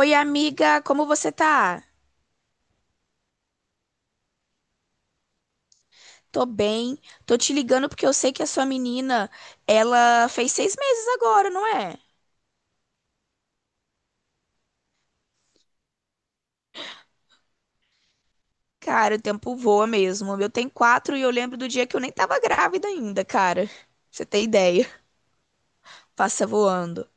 Oi, amiga, como você tá? Tô bem. Tô te ligando porque eu sei que a sua menina, ela fez 6 meses agora, não é? Cara, o tempo voa mesmo. Eu tenho quatro e eu lembro do dia que eu nem tava grávida ainda, cara. Você tem ideia? Passa voando.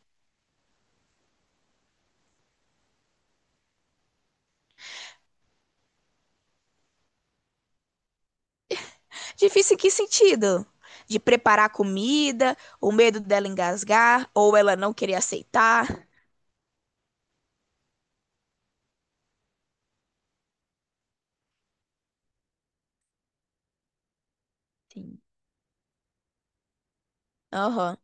Difícil em que sentido? De preparar comida, o medo dela engasgar ou ela não querer aceitar? Sim. Aham.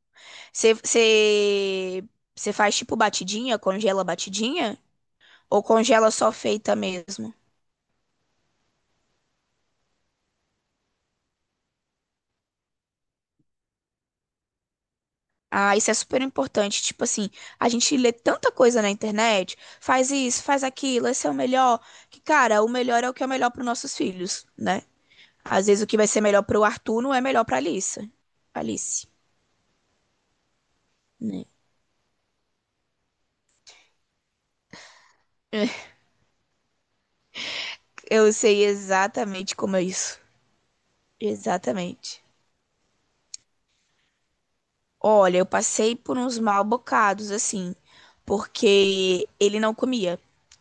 Você você- Você faz tipo batidinha, congela batidinha? Ou congela só feita mesmo? Ah, isso é super importante. Tipo assim, a gente lê tanta coisa na internet, faz isso, faz aquilo, esse é o melhor. Que, cara, o melhor é o que é melhor para nossos filhos, né? Às vezes o que vai ser melhor para o Arthur não é melhor para Alice. Alice. Eu sei exatamente como é isso. Exatamente. Olha, eu passei por uns mal bocados, assim, porque ele não comia.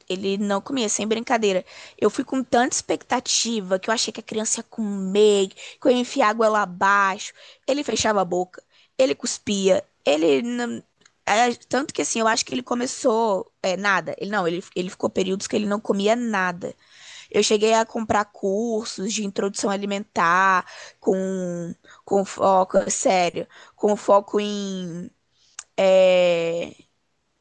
Ele não comia, sem brincadeira. Eu fui com tanta expectativa que eu achei que a criança ia comer, que eu ia enfiar a água lá abaixo. Ele fechava a boca, ele cuspia, ele. Não- é, tanto que assim, eu acho que ele começou. Nada. Ele ficou períodos que ele não comia nada. Eu cheguei a comprar cursos de introdução alimentar com, com, foco, sério, com foco em, é,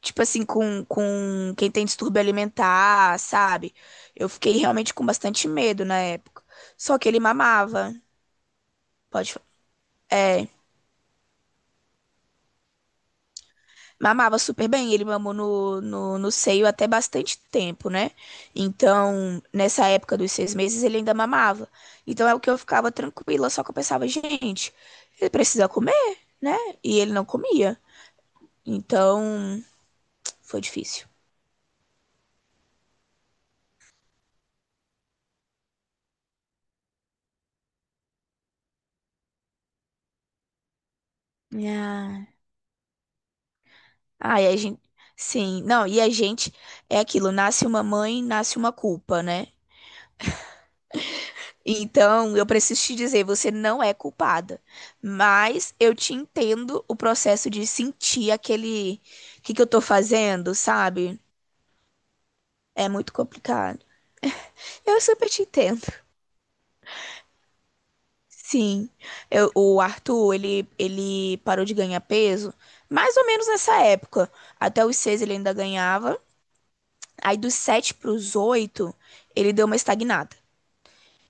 tipo assim, com quem tem distúrbio alimentar, sabe? Eu fiquei realmente com bastante medo na época. Só que ele mamava. Pode mamava super bem, ele mamou no seio até bastante tempo, né? Então, nessa época dos 6 meses, ele ainda mamava. Então, é o que eu ficava tranquila, só que eu pensava, gente, ele precisa comer, né? E ele não comia. Então, foi difícil. Ah, ah, a gente. Sim, não, e a gente é aquilo, nasce uma mãe, nasce uma culpa, né? Então, eu preciso te dizer, você não é culpada, mas eu te entendo o processo de sentir aquele, o que que eu tô fazendo, sabe? É muito complicado. Eu super te entendo. Sim, eu- o Arthur, ele parou de ganhar peso mais ou menos nessa época. Até os seis ele ainda ganhava, aí dos sete para os oito ele deu uma estagnada.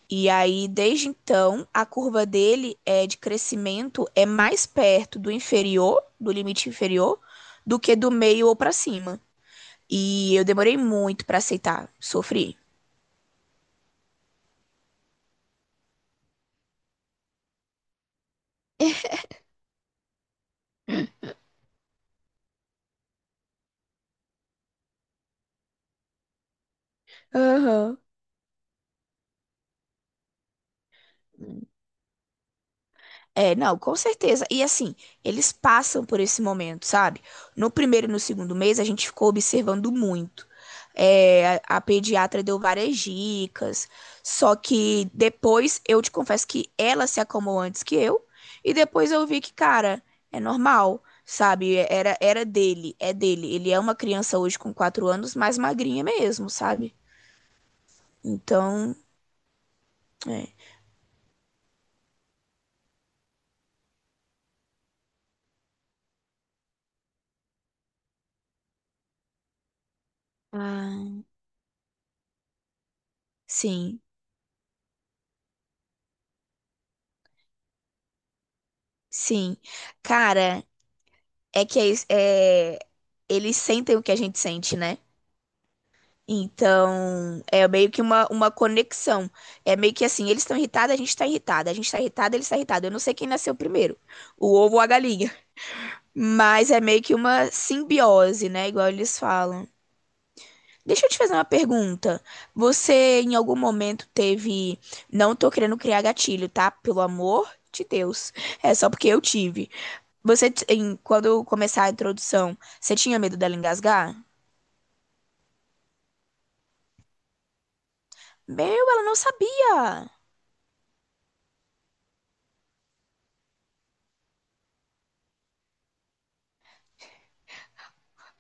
E aí, desde então, a curva dele é de crescimento é mais perto do inferior, do limite inferior, do que do meio ou para cima. E eu demorei muito para aceitar, sofri. Aham. É, não, com certeza. E assim, eles passam por esse momento, sabe? No primeiro e no segundo mês, a gente ficou observando muito. A, pediatra deu várias dicas, só que depois eu te confesso que ela se acalmou antes que eu, e depois eu vi que, cara, é normal, sabe? Era dele, é dele. Ele é uma criança hoje com 4 anos, mais magrinha mesmo, sabe? Então, é, ah, sim, sim. Cara. É que é, é, Eles sentem o que a gente sente, né? Então, é meio que uma conexão. É meio que assim, eles estão irritados, a gente tá irritada. A gente tá irritada, eles estão irritados. Eu não sei quem nasceu primeiro, o ovo ou a galinha. Mas é meio que uma simbiose, né? Igual eles falam. Deixa eu te fazer uma pergunta. Você, em algum momento, teve. Não tô querendo criar gatilho, tá? Pelo amor de Deus. É só porque eu tive. Você, quando começar a introdução, você tinha medo dela engasgar? Meu, ela não sabia.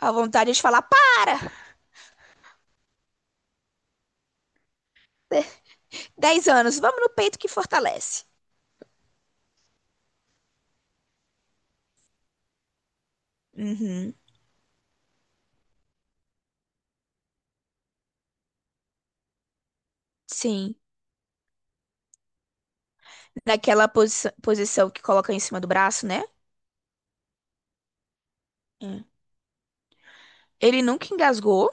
A vontade é de falar, para! 10 anos, vamos no peito que fortalece. Uhum, sim. Naquela posição que coloca em cima do braço, né? É. Ele nunca engasgou,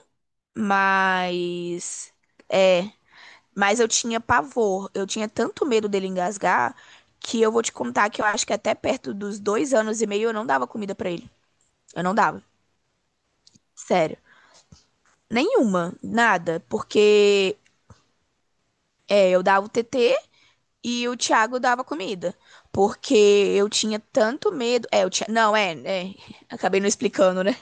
mas. É. Mas eu tinha pavor. Eu tinha tanto medo dele engasgar que eu vou te contar que eu acho que até perto dos 2 anos e meio eu não dava comida pra ele. Eu não dava. Sério. Nenhuma, nada, porque eu dava o TT e o Thiago dava comida. Porque eu tinha tanto medo. É, o Thi... Não, é, é. Acabei não explicando, né?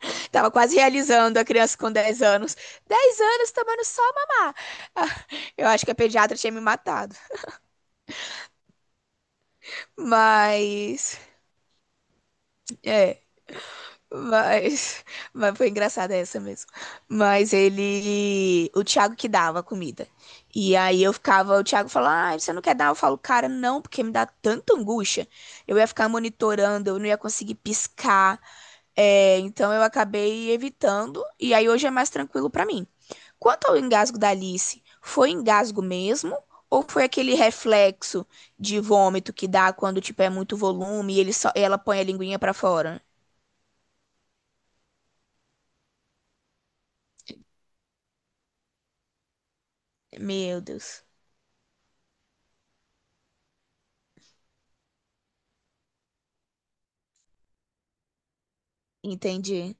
Tava quase realizando a criança com 10 anos. Dez anos tomando só mamar. Ah, eu acho que a pediatra tinha me matado. Mas. É. Mas, mas foi engraçada essa mesmo. Mas ele, o Thiago que dava a comida. E aí eu ficava, o Thiago falava, ah, você não quer dar? Eu falo, cara, não, porque me dá tanta angústia. Eu ia ficar monitorando, eu não ia conseguir piscar. É, então eu acabei evitando. E aí hoje é mais tranquilo pra mim. Quanto ao engasgo da Alice, foi engasgo mesmo? Ou foi aquele reflexo de vômito que dá quando, tipo, é muito volume e ele só, ela põe a linguinha pra fora? Meu Deus. Entendi.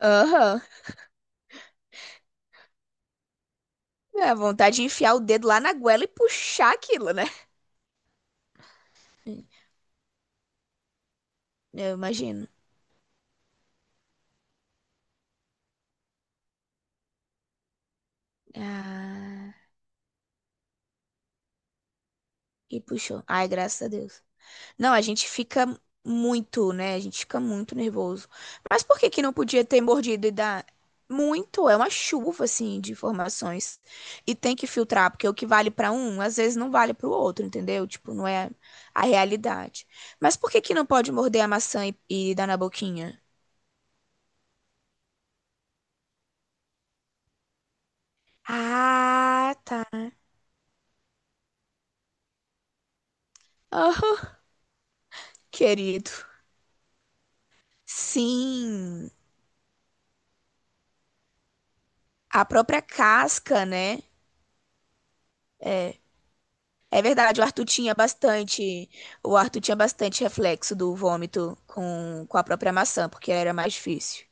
Aham. É, a vontade de enfiar o dedo lá na goela e puxar aquilo, né? Eu imagino. Ah, e puxou. Ai, graças a Deus. Não, a gente fica muito, né? A gente fica muito nervoso. Mas por que que não podia ter mordido e dar muito? É uma chuva, assim, de informações. E tem que filtrar, porque o que vale pra um, às vezes não vale pro outro, entendeu? Tipo, não é a realidade. Mas por que que não pode morder a maçã e dar na boquinha? Ah, tá. Querido. Sim, a própria casca, né? É verdade, o Arthur tinha bastante, o Arthur tinha bastante reflexo do vômito com, a própria maçã, porque era mais difícil.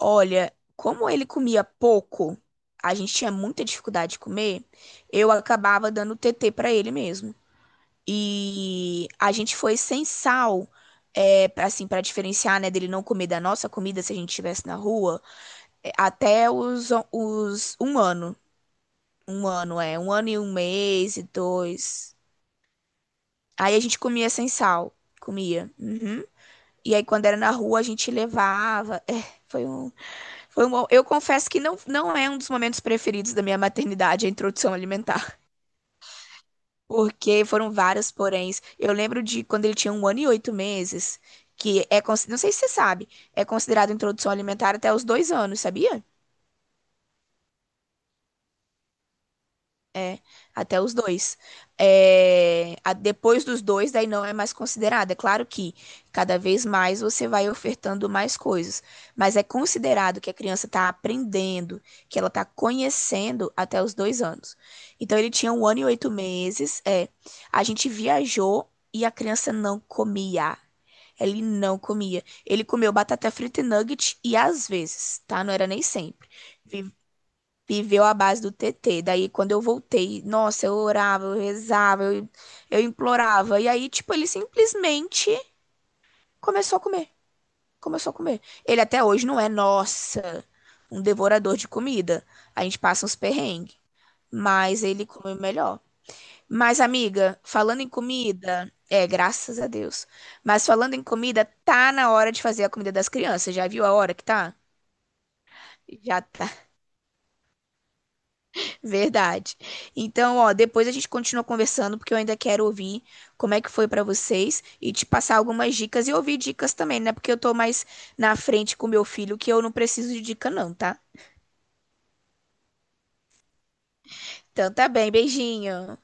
Olha, como ele comia pouco, a gente tinha muita dificuldade de comer, eu acabava dando TT pra ele mesmo. E a gente foi sem sal, pra, assim, para diferenciar, né, dele não comer da nossa comida se a gente estivesse na rua, até os 1 ano. Um ano, é. 1 ano e 1 mês e dois. Aí a gente comia sem sal. Comia. Uhum. E aí, quando era na rua, a gente levava. É, foi um, foi um. Eu confesso que não, não é um dos momentos preferidos da minha maternidade, a introdução alimentar. Porque foram vários poréns. Eu lembro de quando ele tinha 1 ano e 8 meses, que é. Cons- não sei se você sabe, é considerado introdução alimentar até os 2 anos, sabia? É, até os dois. Depois dos dois, daí não é mais considerado. É claro que cada vez mais você vai ofertando mais coisas, mas é considerado que a criança está aprendendo, que ela está conhecendo até os 2 anos. Então ele tinha 1 ano e 8 meses. A gente viajou e a criança não comia. Ele não comia. Ele comeu batata frita e nugget e às vezes, tá? Não era nem sempre. Viveu à base do TT. Daí, quando eu voltei, nossa, eu orava, eu rezava, eu implorava. E aí, tipo, ele simplesmente começou a comer. Começou a comer. Ele até hoje não é, nossa, um devorador de comida. A gente passa uns perrengues. Mas ele come melhor. Mas, amiga, falando em comida, graças a Deus. Mas falando em comida, tá na hora de fazer a comida das crianças. Já viu a hora que tá? Já tá. Verdade. Então, ó, depois a gente continua conversando, porque eu ainda quero ouvir como é que foi pra vocês e te passar algumas dicas e ouvir dicas também, né? Porque eu tô mais na frente com meu filho, que eu não preciso de dica, não, tá? Então, tá bem. Beijinho.